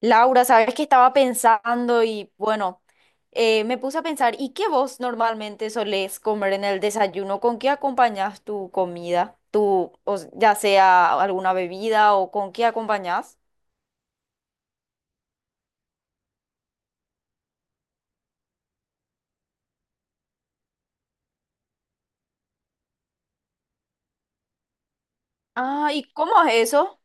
Laura, sabes que estaba pensando y bueno, me puse a pensar, ¿y qué vos normalmente solés comer en el desayuno? ¿Con qué acompañás tu comida? Ya sea alguna bebida o con qué acompañás? Ah, ¿y cómo es eso?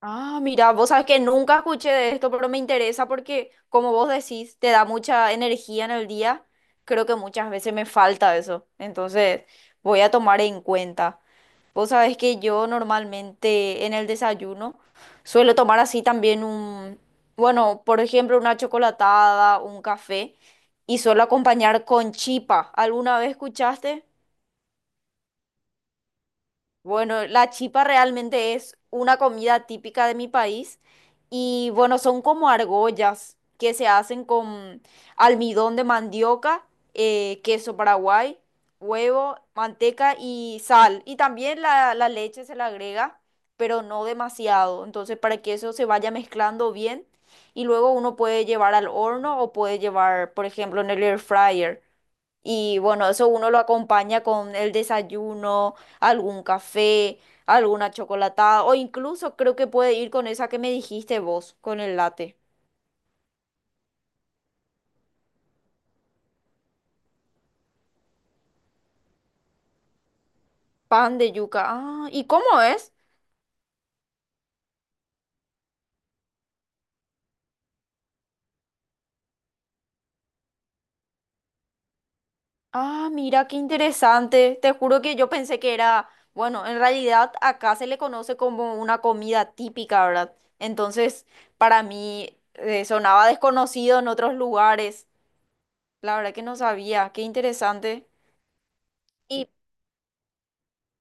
Ah, mira, vos sabes que nunca escuché de esto, pero me interesa porque, como vos decís, te da mucha energía en el día. Creo que muchas veces me falta eso, entonces voy a tomar en cuenta. Vos sabés que yo normalmente en el desayuno suelo tomar así también un, bueno, por ejemplo, una chocolatada, un café y suelo acompañar con chipa. ¿Alguna vez escuchaste? Bueno, la chipa realmente es una comida típica de mi país y bueno, son como argollas que se hacen con almidón de mandioca, queso paraguay, huevo, manteca y sal. Y también la leche se le agrega, pero no demasiado. Entonces, para que eso se vaya mezclando bien y luego uno puede llevar al horno o puede llevar, por ejemplo, en el air fryer. Y bueno, eso uno lo acompaña con el desayuno, algún café, alguna chocolatada, o incluso creo que puede ir con esa que me dijiste vos, con el latte. Pan de yuca. Ah, ¿y cómo es? Ah, mira, qué interesante. Te juro que yo pensé que era, bueno, en realidad acá se le conoce como una comida típica, ¿verdad? Entonces, para mí sonaba desconocido en otros lugares. La verdad que no sabía. Qué interesante. Y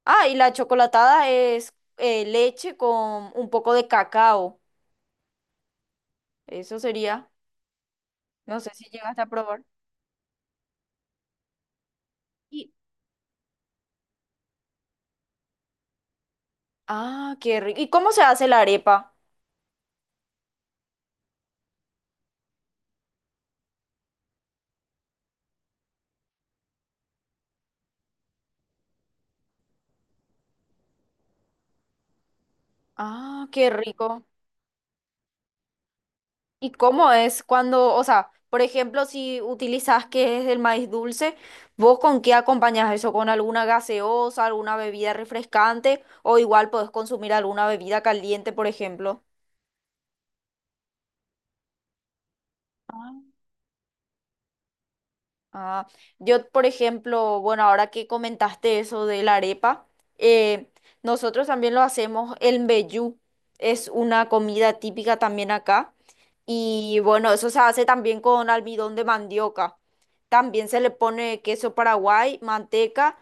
ah, y la chocolatada es leche con un poco de cacao. Eso sería. No sé si llegaste a probar. Y, ah, qué rico. ¿Y cómo se hace la arepa? Ah, qué rico. ¿Y cómo es cuando, o sea, por ejemplo, si utilizas que es el maíz dulce, ¿vos con qué acompañas eso? ¿Con alguna gaseosa, alguna bebida refrescante? O igual podés consumir alguna bebida caliente, por ejemplo. Ah, yo, por ejemplo, bueno, ahora que comentaste eso de la arepa, eh, nosotros también lo hacemos, el mbejú es una comida típica también acá y bueno, eso se hace también con almidón de mandioca. También se le pone queso paraguay, manteca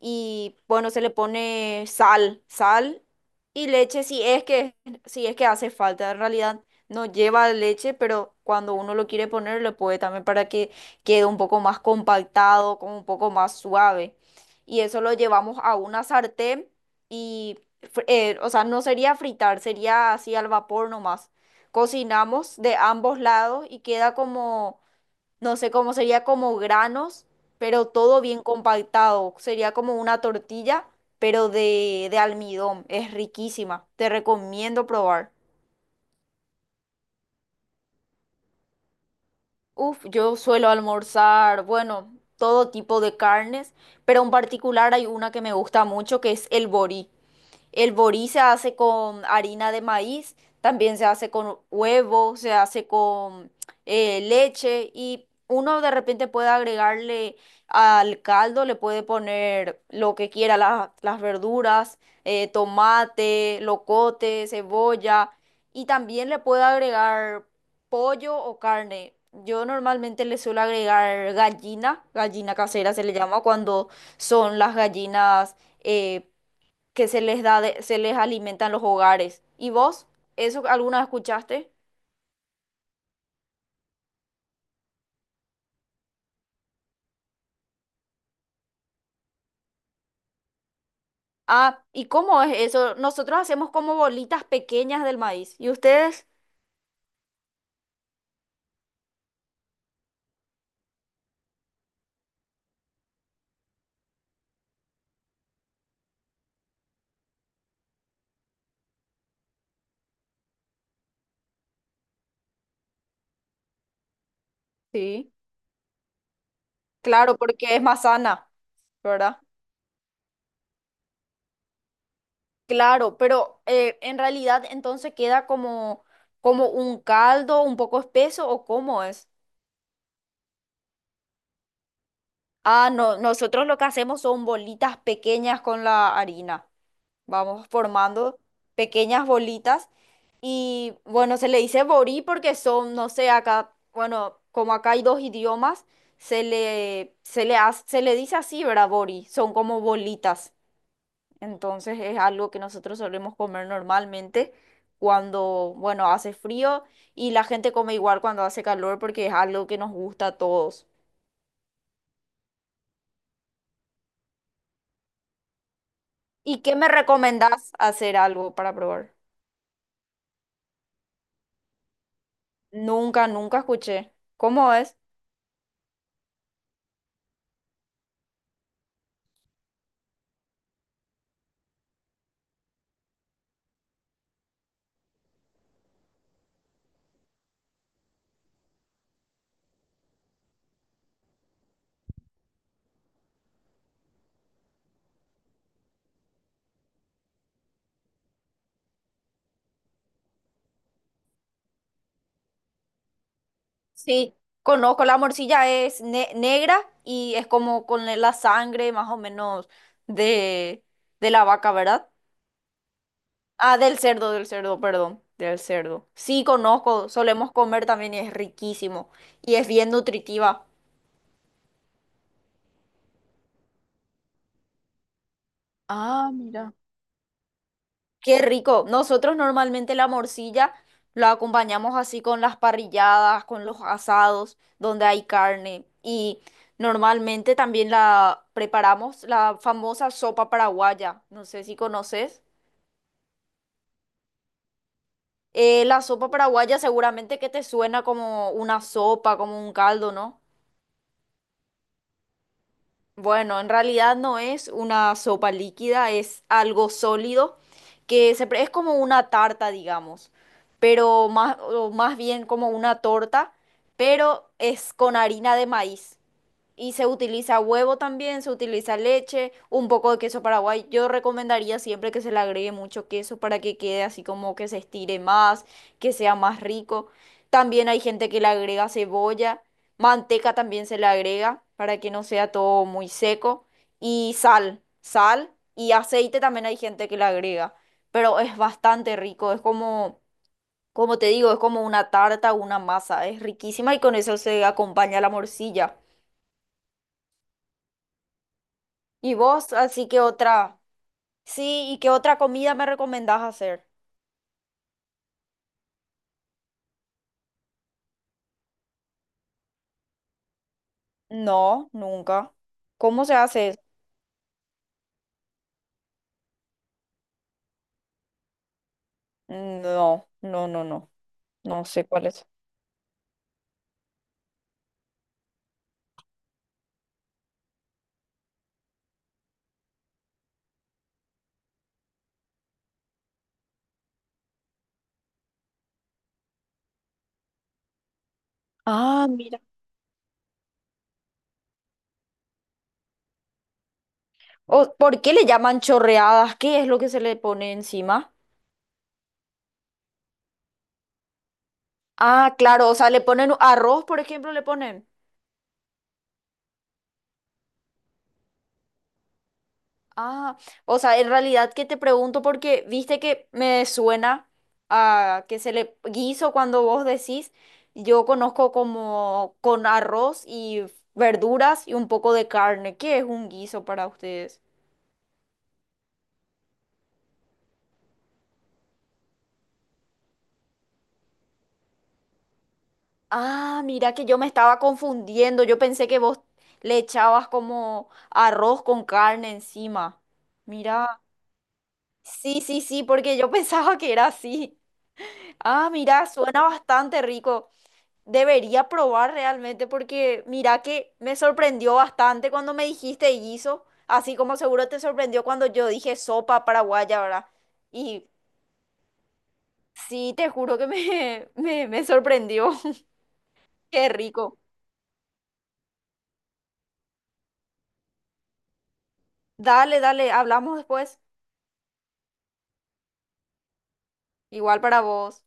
y bueno, se le pone sal, sal y leche si es que, si es que hace falta. En realidad no lleva leche, pero cuando uno lo quiere poner, le puede también para que quede un poco más compactado, como un poco más suave. Y eso lo llevamos a una sartén y, o sea, no sería fritar, sería así al vapor nomás. Cocinamos de ambos lados y queda como no sé cómo sería como granos, pero todo bien compactado. Sería como una tortilla, pero de almidón. Es riquísima. Te recomiendo probar. Uf, yo suelo almorzar, bueno, todo tipo de carnes, pero en particular hay una que me gusta mucho que es el borí. El borí se hace con harina de maíz, también se hace con huevo, se hace con leche y uno de repente puede agregarle al caldo, le puede poner lo que quiera, las verduras, tomate, locote, cebolla y también le puede agregar pollo o carne. Yo normalmente le suelo agregar gallina, gallina casera se le llama cuando son las gallinas eh, que se les alimenta en los hogares. ¿Y vos? ¿Eso alguna vez escuchaste? Ah, ¿y cómo es eso? Nosotros hacemos como bolitas pequeñas del maíz. ¿Y ustedes? Sí, claro, porque es más sana, ¿verdad? Claro, pero en realidad entonces queda como, como un caldo un poco espeso ¿o cómo es? Ah, no, nosotros lo que hacemos son bolitas pequeñas con la harina. Vamos formando pequeñas bolitas. Y bueno, se le dice borí porque son, no sé, acá, bueno, como acá hay dos idiomas, se le dice así, ¿verdad? Borí, son como bolitas. Entonces es algo que nosotros solemos comer normalmente cuando, bueno, hace frío y la gente come igual cuando hace calor porque es algo que nos gusta a todos. ¿Y qué me recomendás hacer algo para probar? Nunca, nunca escuché. ¿Cómo es? Sí, conozco, la morcilla es negra y es como con la sangre más o menos de, de la vaca, ¿verdad? Ah, del cerdo, perdón, del cerdo. Sí, conozco, solemos comer también y es riquísimo y es bien nutritiva. Ah, mira. Qué rico. Nosotros normalmente la morcilla la acompañamos así con las parrilladas, con los asados, donde hay carne. Y normalmente también la preparamos la famosa sopa paraguaya. No sé si conoces. La sopa paraguaya seguramente que te suena como una sopa, como un caldo, ¿no? Bueno, en realidad no es una sopa líquida, es algo sólido que es como una tarta, digamos, pero más, o más bien como una torta, pero es con harina de maíz. Y se utiliza huevo también, se utiliza leche, un poco de queso paraguay. Yo recomendaría siempre que se le agregue mucho queso para que quede así como que se estire más, que sea más rico. También hay gente que le agrega cebolla, manteca también se le agrega para que no sea todo muy seco. Y sal, sal y aceite también hay gente que le agrega. Pero es bastante rico, es como, como te digo, es como una tarta, una masa, es riquísima y con eso se acompaña la morcilla. ¿Y vos, así que otra? Sí, ¿y qué otra comida me recomendás hacer? No, nunca. ¿Cómo se hace eso? No, no, no, no. No sé cuál es. Ah, mira. O- ¿por qué le llaman chorreadas? ¿Qué es lo que se le pone encima? Ah, claro, o sea, le ponen arroz, por ejemplo, le ponen. Ah, o sea, en realidad que te pregunto porque viste que me suena a que se le guiso cuando vos decís, yo conozco como con arroz y verduras y un poco de carne. ¿Qué es un guiso para ustedes? Ah, mira que yo me estaba confundiendo. Yo pensé que vos le echabas como arroz con carne encima. Mira, sí, sí, sí, porque yo pensaba que era así. Ah, mira, suena bastante rico. Debería probar realmente porque mira que me sorprendió bastante cuando me dijiste guiso, así como seguro te sorprendió cuando yo dije sopa paraguaya, ¿verdad? Y sí, te juro que me sorprendió. Qué rico. Dale, dale, hablamos después. Igual para vos.